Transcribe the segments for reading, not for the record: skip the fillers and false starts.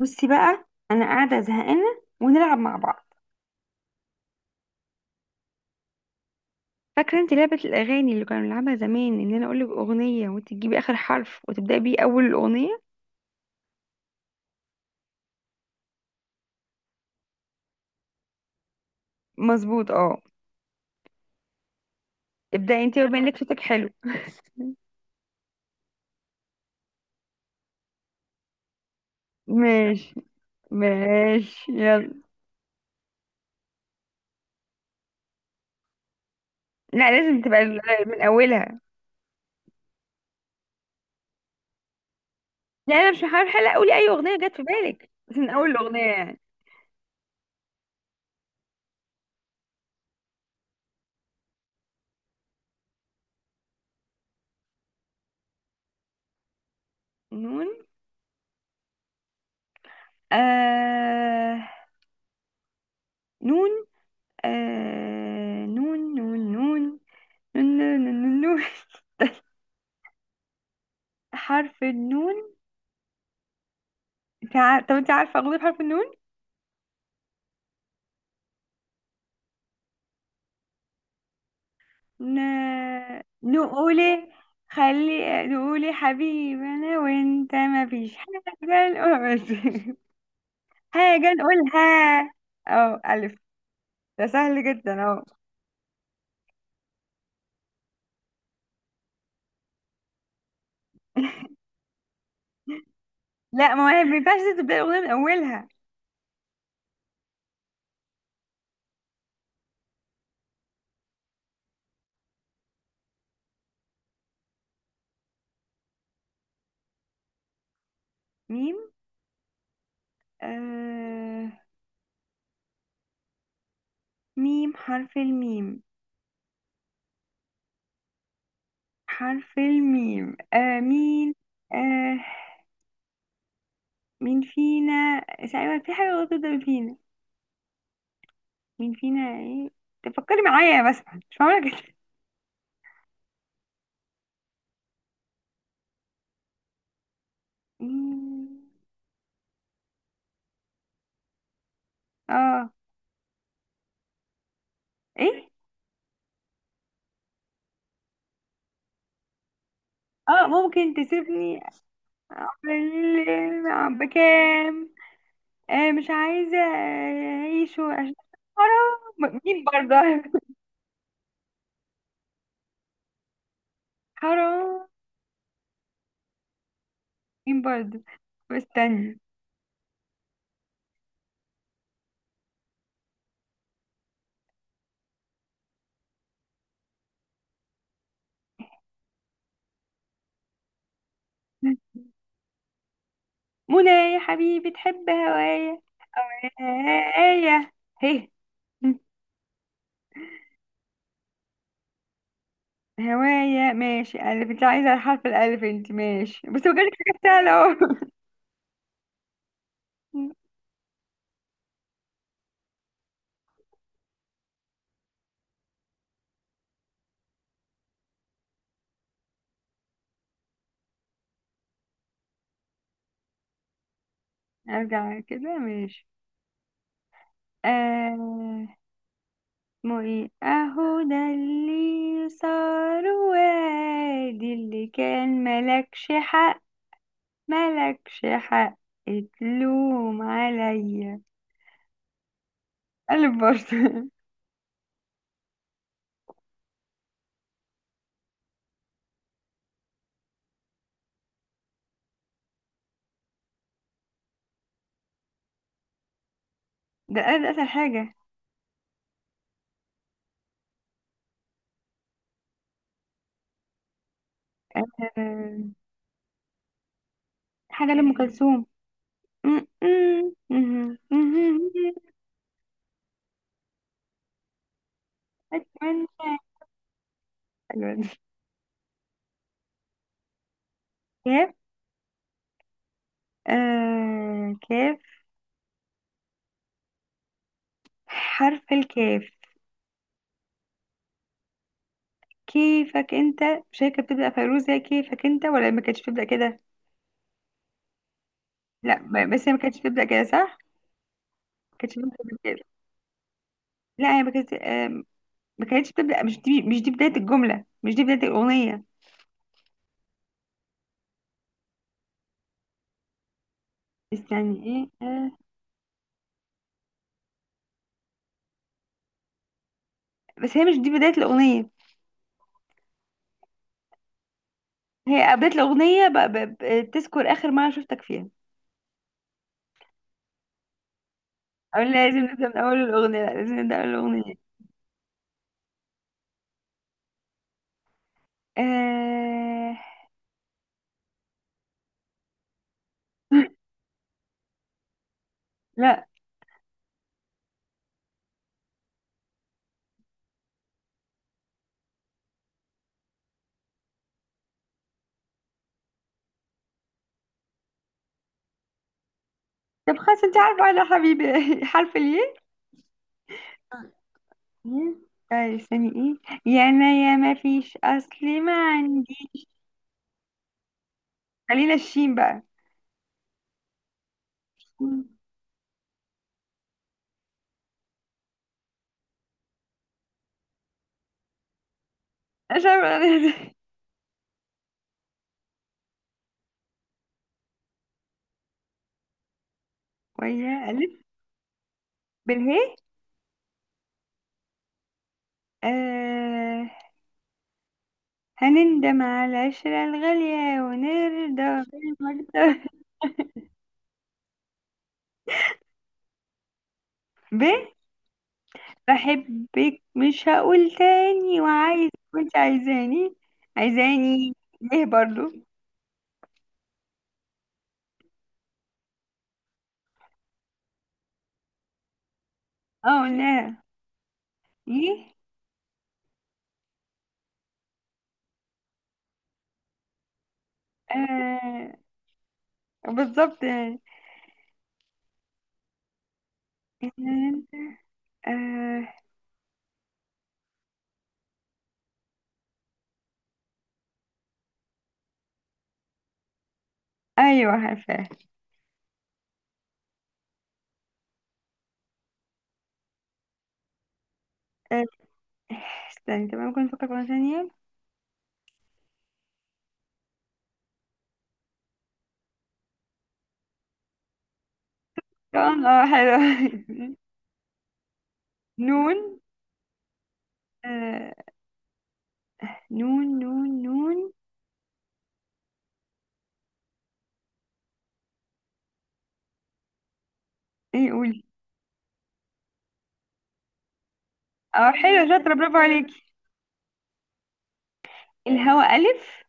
بصي بقى، انا قاعده زهقانه ونلعب مع بعض. فاكره انت لعبه الاغاني اللي كنا بنلعبها زمان؟ ان انا اقول لك اغنيه وانت تجيبي اخر حرف وتبداي بيه اول الاغنيه. مظبوط، اه. ابداي انت وبين لك، صوتك حلو. ماشي، ماشي يلا. لا، لازم تبقى من اولها. لا، انا مش هحاول حلقه، قولي اي اغنيه جت في بالك بس من اول الاغنيه يعني. نون، آه نون، نون نون نون، نون نون نون، نون. حرف النون. طب انت عارفة أغنية بحرف النون؟ ن... نقولي، خلي نقولي حبيبي أنا وأنت ما فيش حاجة نقول حاجة نقولها. اه، ألف. ده سهل جدا اهو. لا، ما هي ما ينفعش تبدأ الأغنية من أولها. ميم، آه... ميم، حرف الميم. حرف الميم، مين. آه، مين فينا تقريبا، في حاجة غلط جدا، مين فينا، مين فينا ايه. تفكري معايا بس، مش معقولة كده. مم. اه، ايه، اه ممكن تسيبني. بكام. آه، مش عايزة اعيش حرام، مين برضه. حرام، مين برضه. استني. منى يا حبيبي تحب هوايا. هوايا، هي هوايا. ماشي ألف، انت عايزة الحرف الألف انت، ماشي بس بجد حاجة سهلة اهو. ارجع كده، ماشي. آه، معي اهو ده اللي صار وادي اللي كان ملكش حق. ملكش حق، اتلوم عليا. قلب برضه. ده قلب، اسهل حاجة. آه، حاجة لأم كلثوم. أتمنى، أيوة دي. كاف، آه كاف، حرف الكاف. كيفك انت، مش هي كانت بتبدأ فيروز هي كيفك انت؟ ولا ما كانتش بتبدأ كده؟ لا، بس هي ما كانتش بتبدأ كده، صح؟ كانتش بنت بتبدأ. لا هي ما كانتش، ما كانتش بتبدأ، مش دي، مش دي بداية الجملة، مش دي بداية الأغنية. استني، ايه، آه. بس هي مش دي بداية الأغنية، هي بداية الأغنية بتذكر آخر مرة شفتك فيها. أو لا، لازم نبدأ من أول الأغنية، لا لازم نبدأ من الأغنية. آه... لا. طب خلاص انت عارفة أنا حبيبي حرف الياء. طيب استني ايه، يا انا يا ما فيش اصل ما عندي. خلينا الشين بقى. مم. مش عارفة. ويا ألف. بالهاء. آه، هنندم على العشرة الغالية ونرضى بالمرضى. ب، بحبك مش هقول تاني وعايز كنت عايزاني. عايزاني، ليه برضو؟ اه لا، ايه، آه بالظبط يعني. آه، ايوه عارفاه. آه، استني، طب ممكن نفكر مرة ثانية. طبعاً، اه حلو. نون. آه نون نون نون. ايه، قولي. اه حلو، شاطرة، برافو عليك. الهوا ألف.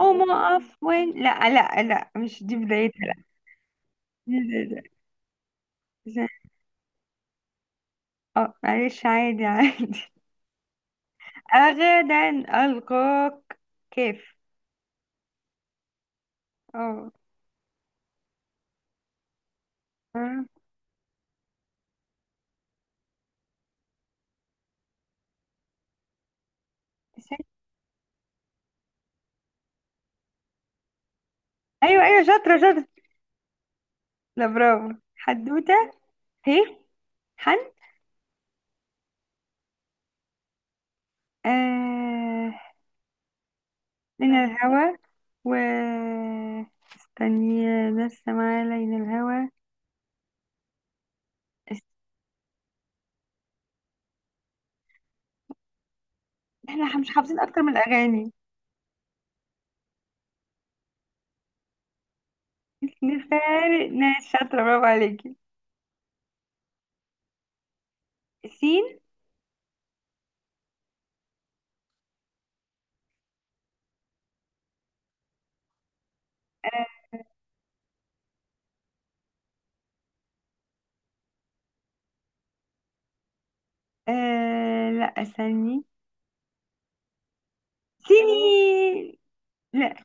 أو ما أقف وين، لا لا لا، مش دي بدايتها، لا مش دي بدايتها. إذا- اه معلش، عادي عادي. أغدا ألقاك، كيف؟ اه، آه. أيوه أيوه، شاطرة شاطرة. لا برافو، حدوتة. هي، حن. آه، من الهوا، و استني لسه معايا، لين الهوا. است- احنا مش حافظين اكتر من الاغاني. نفارق ناس، شاطره برافو عليكي. سين. لا استني. سنين، لا.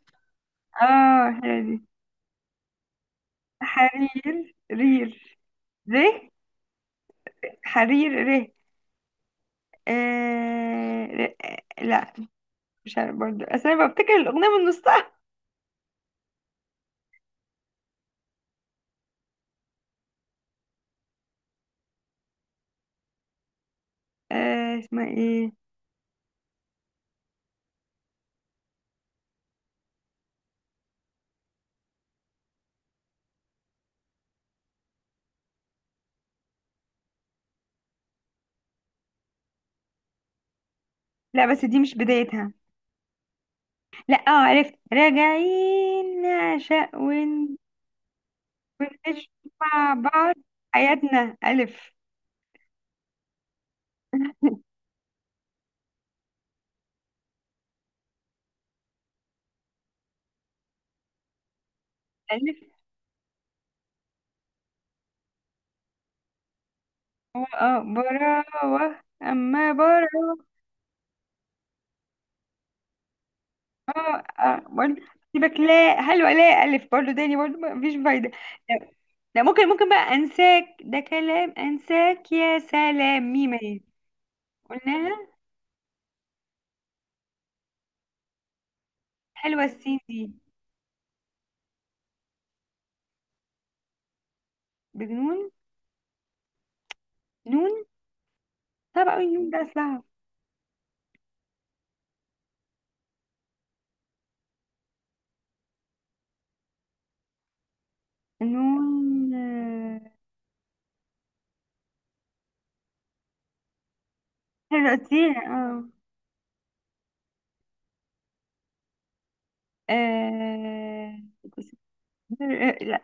اه حلوة دي. حرير، رير، ره. حرير، ره. لا، مش عارف برضه، أصل انا بفتكر الاغنيه من نصها. آه، اسمها ايه؟ لا بس دي مش بدايتها. لا، اه عرفت، راجعين نعشق ونعيش مع بعض حياتنا. الف، الف. اه براوه، اما براوه. اه اه برضه. سيبك، لا هل؟ ولا ألف برضه تاني؟ برضه مفيش فايدة. لا لا، ممكن ممكن بقى أنساك ده كلام، أنساك يا سلام، ميم اهي. قلناها. حلوة السين دي. بجنون، نون. طب أوي النون ده أصلها. نون، آه، حلوة اه. آه، لا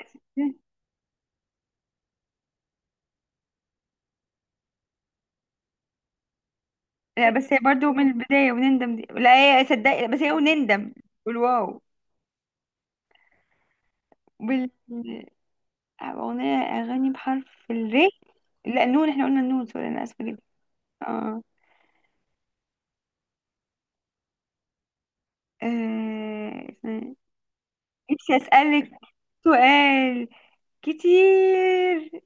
لا بس هي برضه من البداية، ونندم دي لا. هي صدقي بس هي ونندم، والواو. بال... أغنية، أغاني بحرف الري. لا نون، احنا قلنا النون، سوري أنا آسفة جدا. اه، آه، نفسي أسألك سؤال كتير.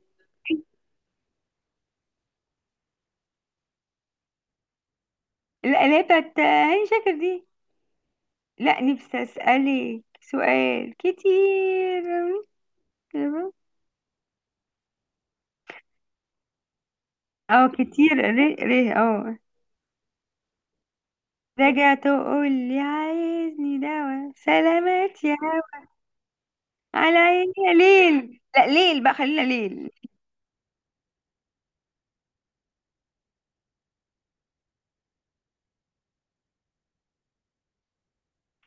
لا لا، بتاعت هاني شاكر دي. لا، نفسي أسألك سؤال كتير. اه كتير، ري ري، اه. راجع تقول لي عايزني دوا، سلامات يا هوا. على عيني يا ليل، لا ليل بقى، خلينا ليل.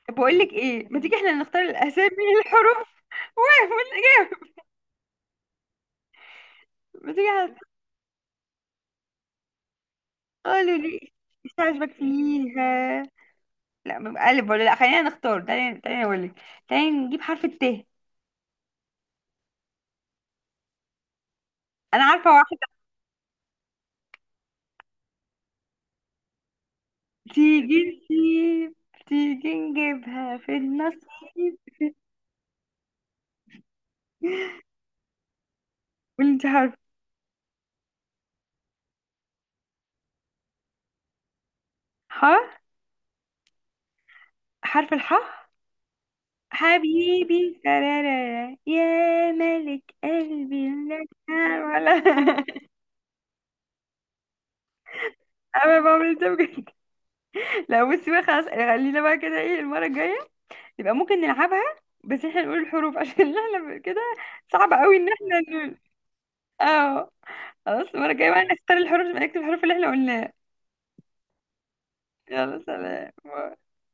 طب بقول لك ايه، ما تيجي احنا نختار الاسامي من الحروف؟ والاجابه، ما تيجي احنا قالوا لي مش عاجبك فيها. لا بيبقى الف ولا لا خلينا نختار، تعالي تعالي اقول لك. تعالي نجيب حرف الت. انا عارفه واحد. تيجي نسيب، تيجي نجيبها في النصيب. قولي انت حرف. ح، حرف الح. حبيبي سرارة يا ملك قلبي، لا. ولا. انا بعمل ده بجد. لا بصي بقى، خلاص، خلينا بقى كده، ايه المرة الجاية يبقى ممكن نلعبها، بس احنا نقول الحروف عشان احنا كده، صعب قوي ان احنا نقول. اه. خلاص، المرة الجاية بقى نختار الحروف، نكتب الحروف اللي احنا قلناها. يلا سلام.